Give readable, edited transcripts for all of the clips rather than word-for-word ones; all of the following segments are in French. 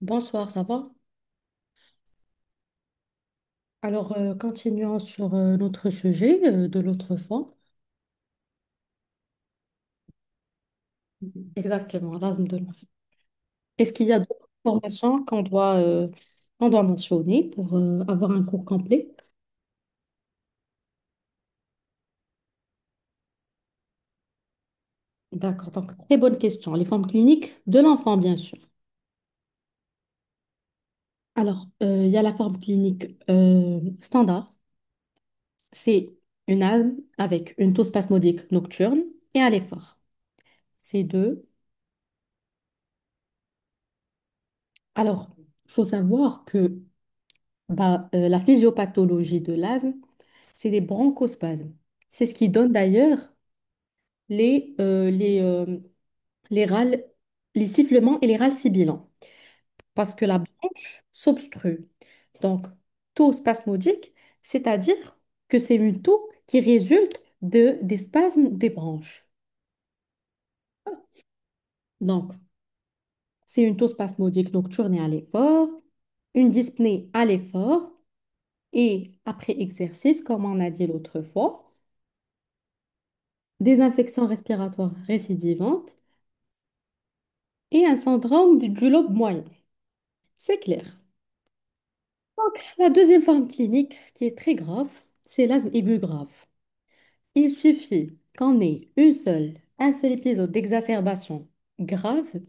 Bonsoir, ça va? Alors, continuons sur notre sujet de l'autre fois. Exactement, l'asthme de l'enfant. Est-ce qu'il y a d'autres formations qu'on doit mentionner pour avoir un cours complet? D'accord, donc très bonne question. Les formes cliniques de l'enfant, bien sûr. Alors, il y a la forme clinique standard. C'est une asthme avec une toux spasmodique nocturne et à l'effort. C'est deux. Alors, il faut savoir que bah, la physiopathologie de l'asthme, c'est des bronchospasmes. C'est ce qui donne d'ailleurs les, euh, les, euh, les râles, les sifflements et les râles sibilants, parce que la bronche s'obstrue. Donc, taux spasmodique, c'est-à-dire que c'est une toux qui résulte de, des spasmes des bronches. Donc, c'est une taux spasmodique nocturne et à l'effort, une dyspnée à l'effort, et après exercice, comme on a dit l'autre fois, des infections respiratoires récidivantes et un syndrome du lobe moyen. C'est clair. La deuxième forme clinique qui est très grave, c'est l'asthme aigu grave. Il suffit qu'on ait une seule, un seul épisode d'exacerbation grave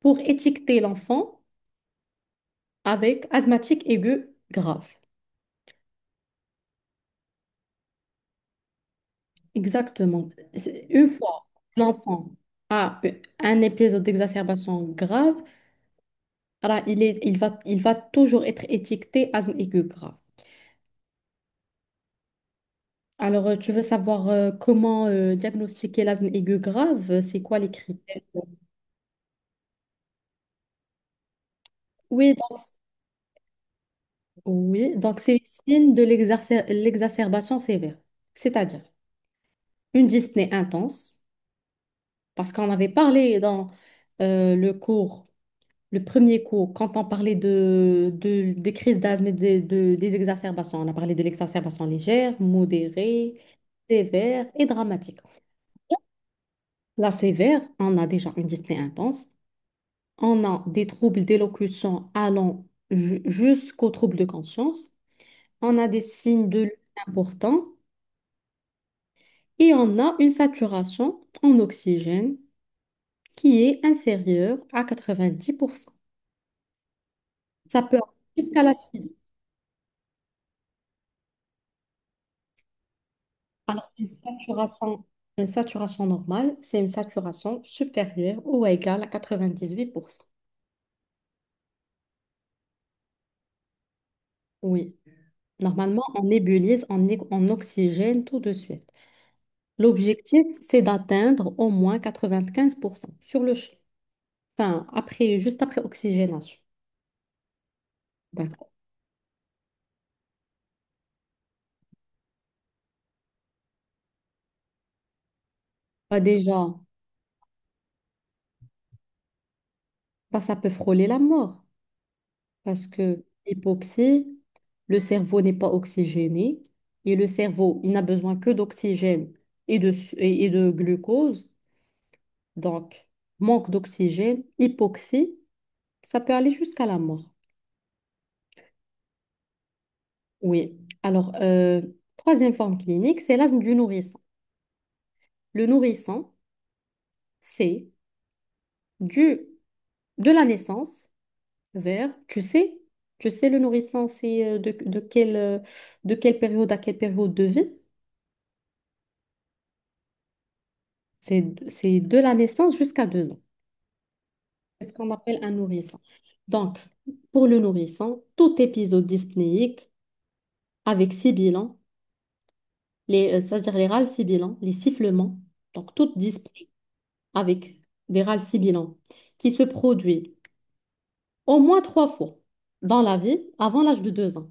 pour étiqueter l'enfant avec asthmatique aigu grave. Exactement. Une fois que l'enfant a un épisode d'exacerbation grave, alors il va toujours être étiqueté asthme aigu grave. Alors, tu veux savoir comment diagnostiquer l'asthme aigu grave? C'est quoi les critères? Oui, donc, oui, donc c'est le signe de l'exacerbation sévère, c'est-à-dire une dyspnée intense, parce qu'on avait parlé dans le cours, le premier cours, quand on parlait des crises d'asthme et des exacerbations. On a parlé de l'exacerbation légère, modérée, sévère et dramatique. La sévère, on a déjà une dyspnée intense, on a des troubles d'élocution allant jusqu'aux troubles de conscience, on a des signes de lutte importants. Et on a une saturation en oxygène qui est inférieure à 90%. Ça peut aller jusqu'à la cible. Alors une saturation normale, c'est une saturation supérieure ou égale à 98%. Oui, normalement, on nébulise en oxygène tout de suite. L'objectif, c'est d'atteindre au moins 95% sur le champ. Enfin, après, juste après oxygénation. D'accord. Bah déjà, bah, ça peut frôler la mort. Parce que l'hypoxie, le cerveau n'est pas oxygéné et le cerveau, il n'a besoin que d'oxygène et de, su- et de glucose. Donc, manque d'oxygène, hypoxie, ça peut aller jusqu'à la mort. Oui. Alors, troisième forme clinique, c'est l'asthme du nourrisson. Le nourrisson, c'est du, de la naissance vers, le nourrisson, c'est de quelle période à quelle période de vie? C'est de la naissance jusqu'à 2 ans. C'est ce qu'on appelle un nourrisson. Donc, pour le nourrisson, tout épisode dyspnéique avec sibilant, c'est-à-dire les râles sibilants, les sifflements, donc toute dyspnée avec des râles sibilants qui se produit au moins 3 fois dans la vie avant l'âge de 2 ans.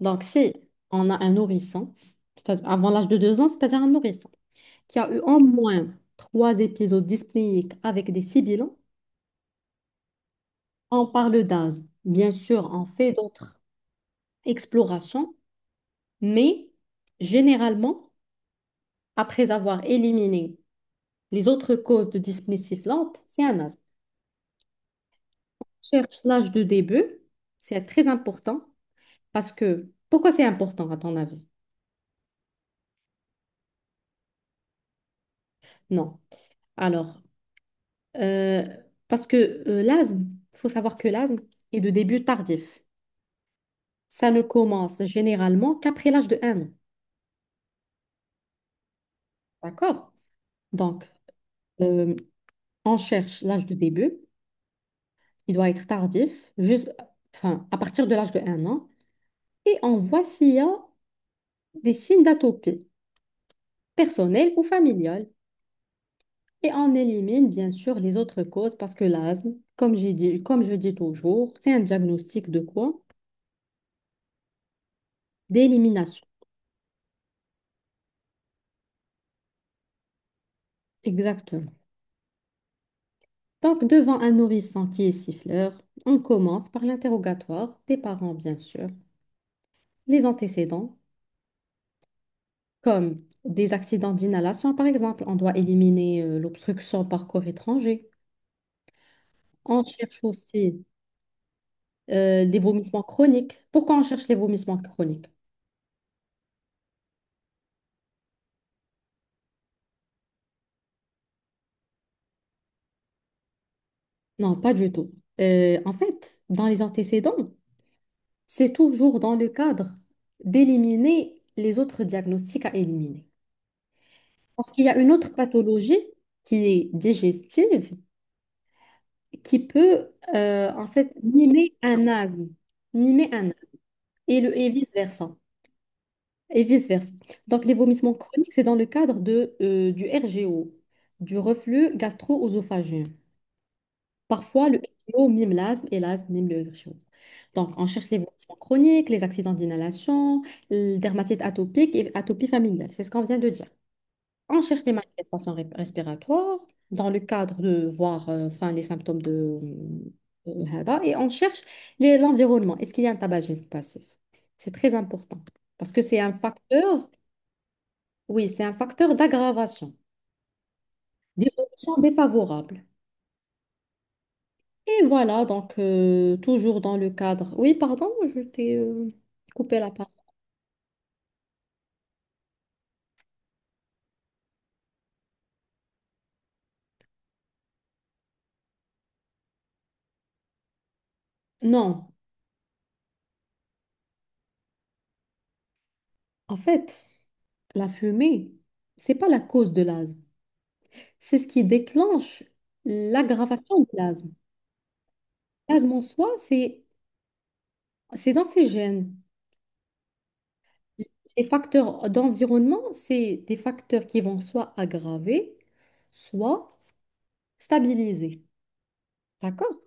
Donc, si on a un nourrisson, c'est-à-dire avant l'âge de deux ans, c'est-à-dire un nourrisson qui a eu au moins 3 épisodes dyspnéiques avec des sibilants, on parle d'asthme. Bien sûr, on fait d'autres explorations, mais généralement, après avoir éliminé les autres causes de dyspnée sifflante, c'est un asthme. Cherche l'âge de début, c'est très important parce que... Pourquoi c'est important à ton avis? Non. Alors, euh, parce que l'asthme, il faut savoir que l'asthme est de début tardif. Ça ne commence généralement qu'après l'âge de 1 an. D'accord? Donc, euh, on cherche l'âge de début. Il doit être tardif, juste, enfin, à partir de l'âge de 1 an. Et on voit s'il y a des signes d'atopie, personnelle ou familiale. Et on élimine bien sûr les autres causes parce que l'asthme, comme j'ai dit, comme je dis toujours, c'est un diagnostic de quoi? D'élimination. Exactement. Donc, devant un nourrisson qui est siffleur, on commence par l'interrogatoire des parents, bien sûr, les antécédents, comme des accidents d'inhalation, par exemple. On doit éliminer l'obstruction par corps étranger. On cherche aussi des vomissements chroniques. Pourquoi on cherche les vomissements chroniques? Non, pas du tout. En fait, dans les antécédents, c'est toujours dans le cadre d'éliminer les autres diagnostics à éliminer. Parce qu'il y a une autre pathologie qui est digestive, qui peut en fait mimer un asthme, et vice-versa. Et vice-versa. Donc les vomissements chroniques, c'est dans le cadre de, du RGO, du reflux gastro-œsophagien. Parfois, le RGO mime l'asthme et l'asthme mime le RGO. Donc, on cherche les voisins chroniques, les accidents d'inhalation, la dermatite atopique et atopie familiale. C'est ce qu'on vient de dire. On cherche les manifestations respiratoires dans le cadre de voir enfin, les symptômes de HADA et on cherche l'environnement. Est-ce qu'il y a un tabagisme passif? C'est très important parce que c'est un facteur, oui, c'est un facteur d'aggravation, d'évolution défavorable. Et voilà, donc toujours dans le cadre. Oui, pardon, je t'ai coupé la parole. Non, en fait, la fumée, c'est pas la cause de l'asthme. C'est ce qui déclenche l'aggravation de l'asthme. L'asthme en soi, c'est dans ses gènes. Les facteurs d'environnement, c'est des facteurs qui vont soit aggraver, soit stabiliser. D'accord?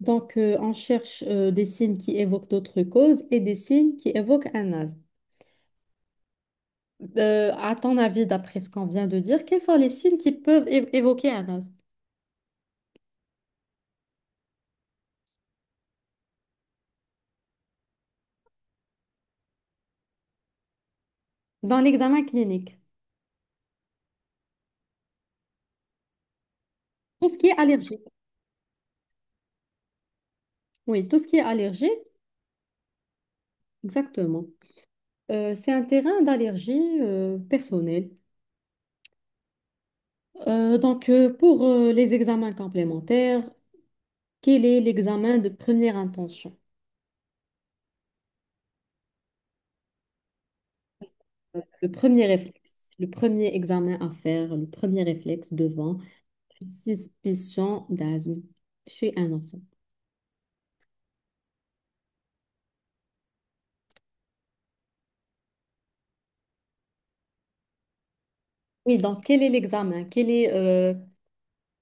Donc, on cherche des signes qui évoquent d'autres causes et des signes qui évoquent un asthme. À ton avis, d'après ce qu'on vient de dire, quels sont les signes qui peuvent évoquer un asthme dans l'examen clinique? Tout ce qui est allergique. Oui, tout ce qui est allergie, exactement. C'est un terrain d'allergie personnelle. Pour les examens complémentaires, quel est l'examen de première intention? Le premier réflexe, le premier examen à faire, le premier réflexe devant une suspicion d'asthme chez un enfant. Oui, donc quel est l'examen?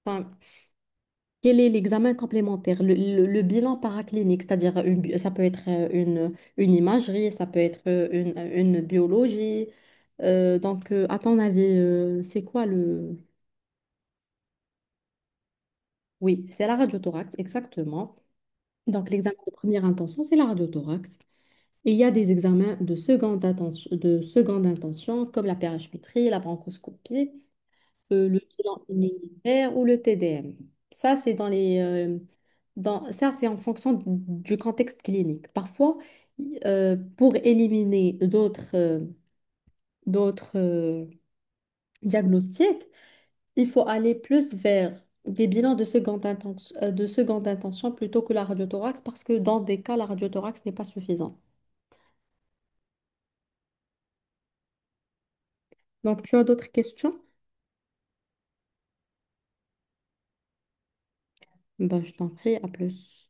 enfin, Quel est l'examen complémentaire? Le bilan paraclinique, c'est-à-dire ça peut être une imagerie, ça peut être une biologie. À ton avis, c'est quoi le... Oui, c'est la radiothorax, exactement. Donc, l'examen de première intention, c'est la radiothorax. Et il y a des examens de seconde intention comme la périaspimétrie, la bronchoscopie, le bilan immunitaire ou le TDM. Ça, c'est dans les, ça, c'est en fonction du contexte clinique. Parfois, pour éliminer d'autres d'autres diagnostics, il faut aller plus vers des bilans de seconde intention plutôt que la radiothorax parce que dans des cas, la radiothorax n'est pas suffisante. Donc, tu as d'autres questions? Ben, je t'en prie, à plus.